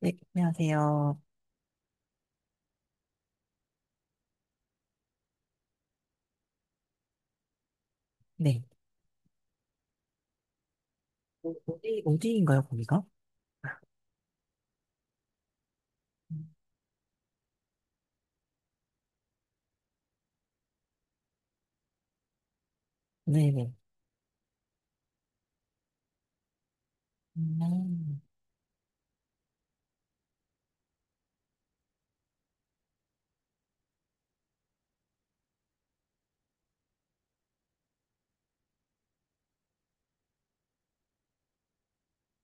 네, 안녕하세요. 네. 어디인가요, 거기가? 음, 네네. 음.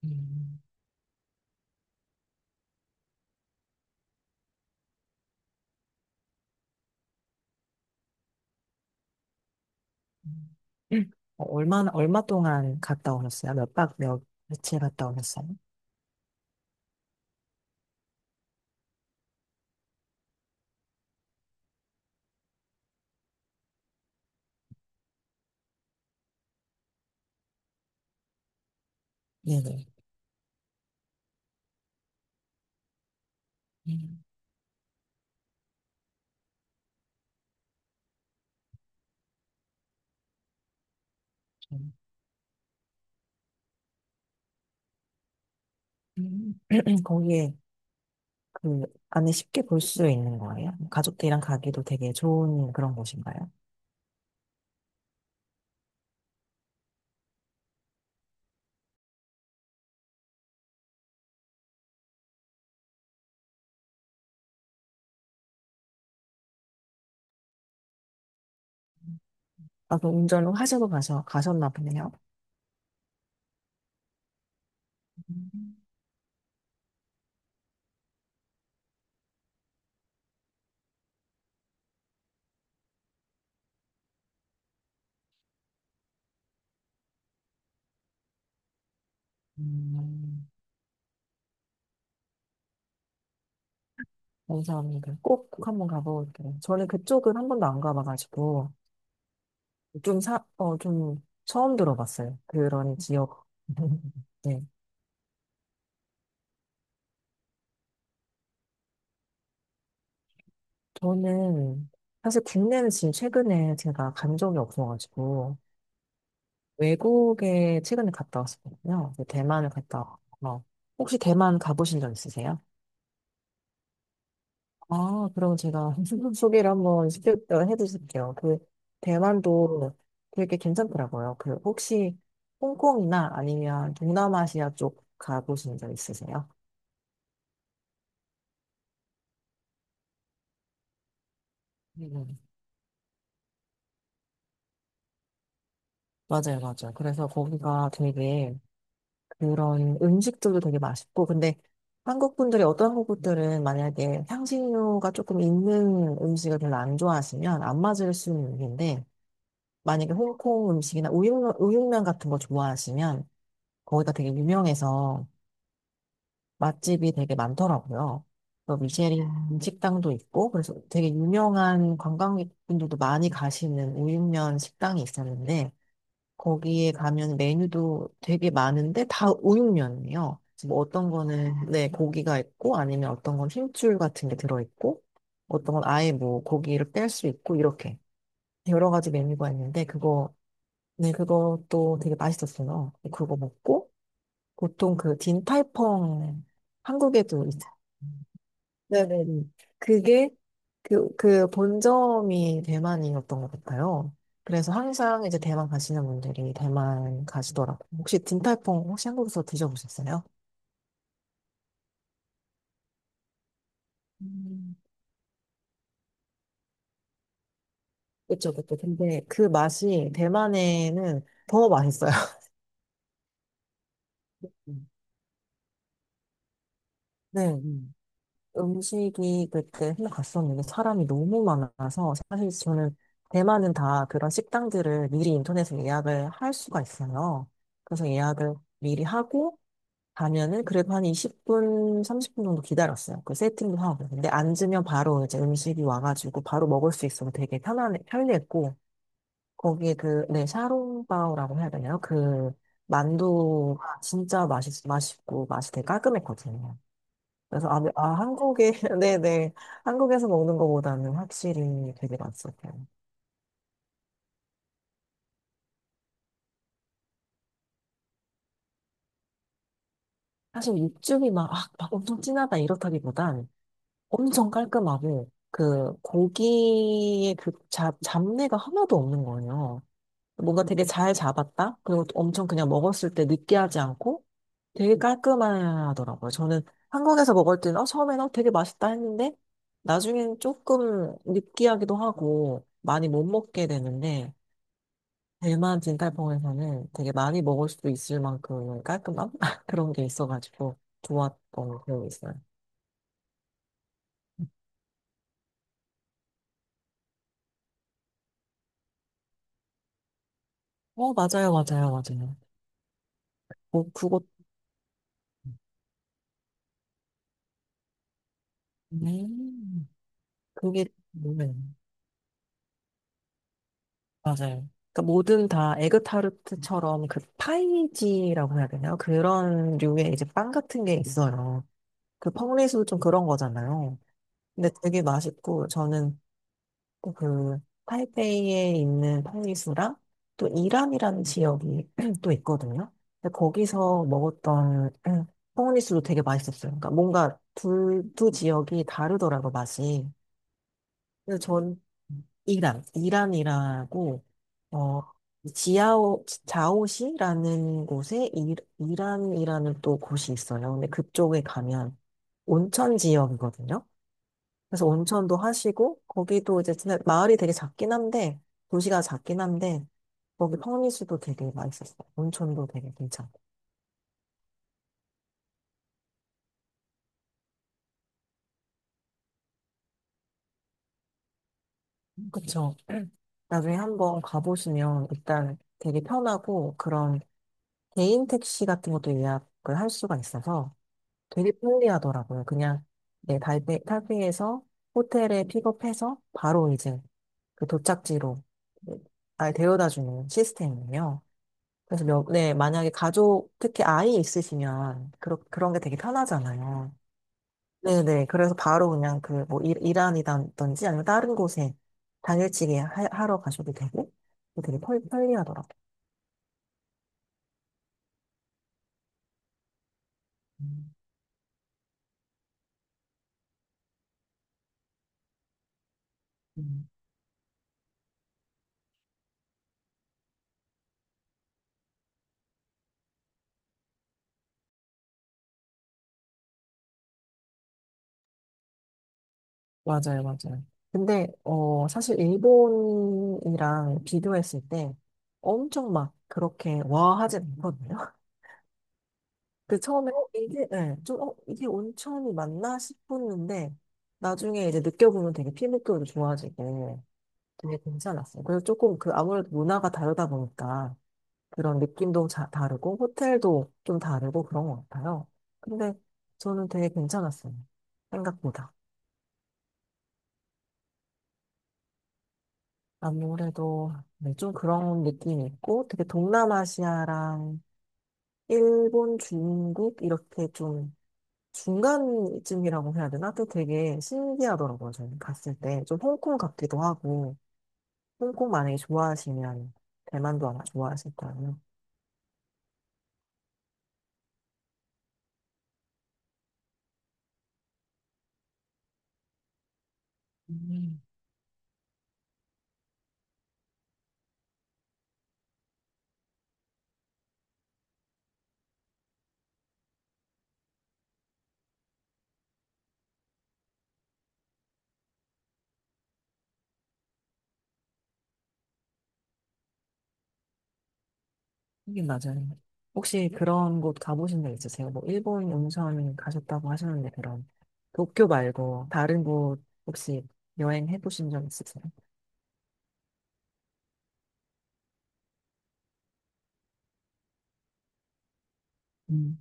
음. 음. 음. 얼마 동안 갔다 오셨어요? 몇 박, 며칠 갔다 오셨어요? 네네. 음. 음. 음, 거기에 그 안에 쉽게 볼 수 있는 거예요? 가족들이랑 가기도 되게 좋은 그런 곳인가요? 아, 그 운전을 하셔도 가셨나 보네요. 음, 음, 감사합니다. 꼭 한번 가보고 올게요. 저는 그쪽은 한 번도 안 가봐가지고. 좀 처음 들어봤어요. 그런 지역. 네. 저는 사실 국내는 지금 최근에 제가 간 적이 없어가지고 외국에 최근에 갔다 왔었거든요. 그 대만을 갔다 왔고. 혹시 대만 가보신 적 있으세요? 아, 그럼 제가 소개를 한번 해드릴게요. 그 대만도 되게 괜찮더라고요. 그 혹시 홍콩이나 아니면 동남아시아 쪽 가보신 적 있으세요? 네. 맞아요, 맞아요. 그래서 거기가 되게 그런 음식들도 되게 맛있고, 근데 한국 분들이 어떤 한국 분들은 만약에 향신료가 조금 있는 음식을 별로 안 좋아하시면 안 맞을 수는 있는데, 만약에 홍콩 음식이나 우육면 같은 거 좋아하시면 거기가 되게 유명해서 맛집이 되게 많더라고요. 또 미쉐린 식당도 있고, 그래서 되게 유명한 관광객분들도 많이 가시는 우육면 식당이 있었는데, 거기에 가면 메뉴도 되게 많은데 다 우육면이에요. 뭐 어떤 거는 네 고기가 있고 아니면 어떤 건 힘줄 같은 게 들어 있고 어떤 건 아예 뭐 고기를 뺄 수 있고 이렇게 여러 가지 메뉴가 있는데 그거 네 그것도 되게 맛있었어요. 그거 먹고 보통 그 딘타이펑 한국에도 네네네. 그게 그 본점이 대만이었던 것 같아요. 그래서 항상 이제 대만 가시는 분들이 대만 가시더라고요. 혹시 딘탈퐁 혹시 한국에서 드셔보셨어요? 음, 그쵸, 그쵸. 근데 그 맛이 대만에는 더 맛있어요. 음, 네. 음. 음식이 그때 한번 갔었는데 사람이 너무 많아서 사실 저는 대만은 다 그런 식당들을 미리 인터넷에 예약을 할 수가 있어요. 그래서 예약을 미리 하고 가면은 그래도 한 20분, 30분 정도 기다렸어요. 그 세팅도 하고. 근데 앉으면 바로 이제 음식이 와가지고 바로 먹을 수 있어서 되게 편리했고, 거기에 네, 샤롱바오라고 해야 되나요? 만두가 진짜 맛있고, 맛이 되게 깔끔했거든요. 그래서, 네, 네네. 한국에서 먹는 것보다는 확실히 되게 맛있었어요. 사실 육즙이 막 엄청 진하다 이렇다기보단, 엄청 깔끔하고 그 고기의 그 잡내가 하나도 없는 거예요. 뭔가 되게 잘 잡았다? 그리고 또 엄청 그냥 먹었을 때 느끼하지 않고 되게 깔끔하더라고요. 저는 한국에서 먹을 때는 처음에는 되게 맛있다 했는데 나중엔 조금 느끼하기도 하고 많이 못 먹게 되는데 대만 진달봉에서는 되게 많이 먹을 수도 있을 만큼 깔끔함? 그런 게 있어가지고 좋았던 기억이 있어요. 맞아요, 맞아요, 맞아요. 뭐, 그거 네. 그게 뭐예요? 맞아요. 그러니까 뭐든 다 에그타르트처럼 그 파이지라고 해야 되나요? 그런 류의 이제 빵 같은 게 있어요. 그 펑리수도 좀 그런 거잖아요. 근데 되게 맛있고 저는 또그 타이베이에 있는 펑리수랑 또 이란이라는 지역이 또 있거든요. 근데 거기서 먹었던 펑리수도 되게 맛있었어요. 그러니까 뭔가 두 지역이 다르더라고 맛이. 그래서 전 이란이라고, 어, 자오시라는 곳에 이란이라는 또 곳이 있어요. 근데 그쪽에 가면 온천 지역이거든요. 그래서 온천도 하시고, 거기도 이제 진짜 마을이 되게 작긴 한데, 도시가 작긴 한데, 거기 펑리스도 되게 맛있었어요. 온천도 되게 괜찮고. 그쵸. 나중에 한번 가보시면 일단 되게 편하고, 그런 개인 택시 같은 것도 예약을 할 수가 있어서, 되게 편리하더라고요. 그냥 네, 타이페이에서 호텔에 픽업해서 바로 이제 그 도착지로 날 데려다 주는 시스템이에요. 그래서 네, 만약에 가족, 특히 아이 있으시면 그런 게 되게 편하잖아요. 네네. 그래서 바로 그냥 그 뭐 이란이라든지 아니면 다른 곳에 당일치기 하러 가셔도 되고 되게 편리하더라고요. 음. 맞아요, 맞아요. 근데, 사실 일본이랑 비교했을 때 엄청 막 그렇게 와 하진 않거든요. 그 처음에, 예, 좀, 이게 온천이 맞나 싶었는데, 나중에 이제 느껴보면 되게 피부결도 좋아지고 되게 괜찮았어요. 그래서 조금 그 아무래도 문화가 다르다 보니까 그런 느낌도 다르고 호텔도 좀 다르고 그런 것 같아요. 근데 저는 되게 괜찮았어요. 생각보다. 아무래도 네, 좀 그런 느낌이 있고 되게 동남아시아랑 일본, 중국 이렇게 좀 중간쯤이라고 해야 되나? 또 되게 신기하더라고요. 저는 갔을 때 좀 홍콩 같기도 하고 홍콩 만약에 좋아하시면 대만도 아마 좋아하실 거예요. 음, 하긴 맞아요. 혹시 그런 곳 가보신 적 있으세요? 뭐 일본 온천 가셨다고 하셨는데 그럼 도쿄 말고 다른 곳 혹시 여행해 보신 적 있으세요? 음.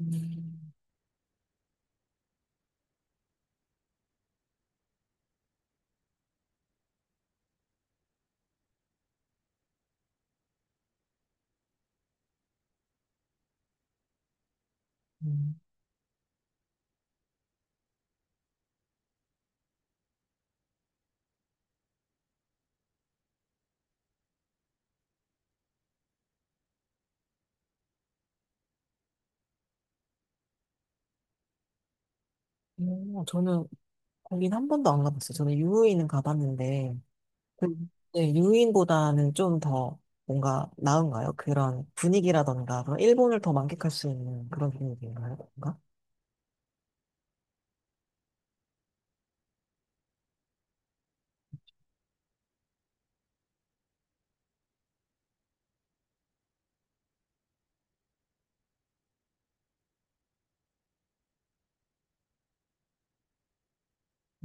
음. 음. 저는 거긴 한 번도 안 가봤어요. 저는 유후인은 가봤는데, 그- 네, 유후인보다는 좀 더 뭔가 나은가요? 그런 분위기라던가, 그런 일본을 더 만끽할 수 있는 그런 분위기인가요? 뭔가?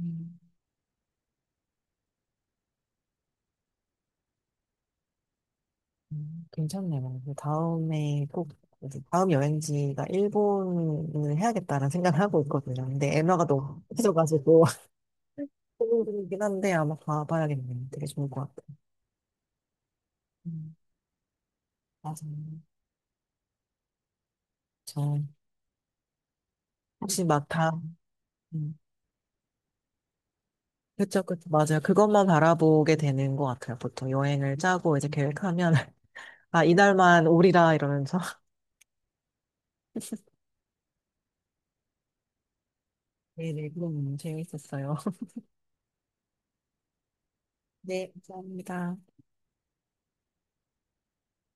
음, 괜찮네요. 그 다음에 꼭, 이제 다음 여행지가 일본을 해야겠다는 생각을 하고 있거든요. 근데 엔화가 너무 커져가지고, 고민이긴 한데 아마 가봐야겠네요. 되게 좋을 것 같아요. 음, 맞아요. 저, 혹시 막 그쵸, 그쵸. 맞아요. 그것만 바라보게 되는 것 같아요. 보통 여행을 짜고 이제 계획하면, 아, 이날만 오리라 이러면서. 네네, 그럼 재밌었어요. 네, 감사합니다.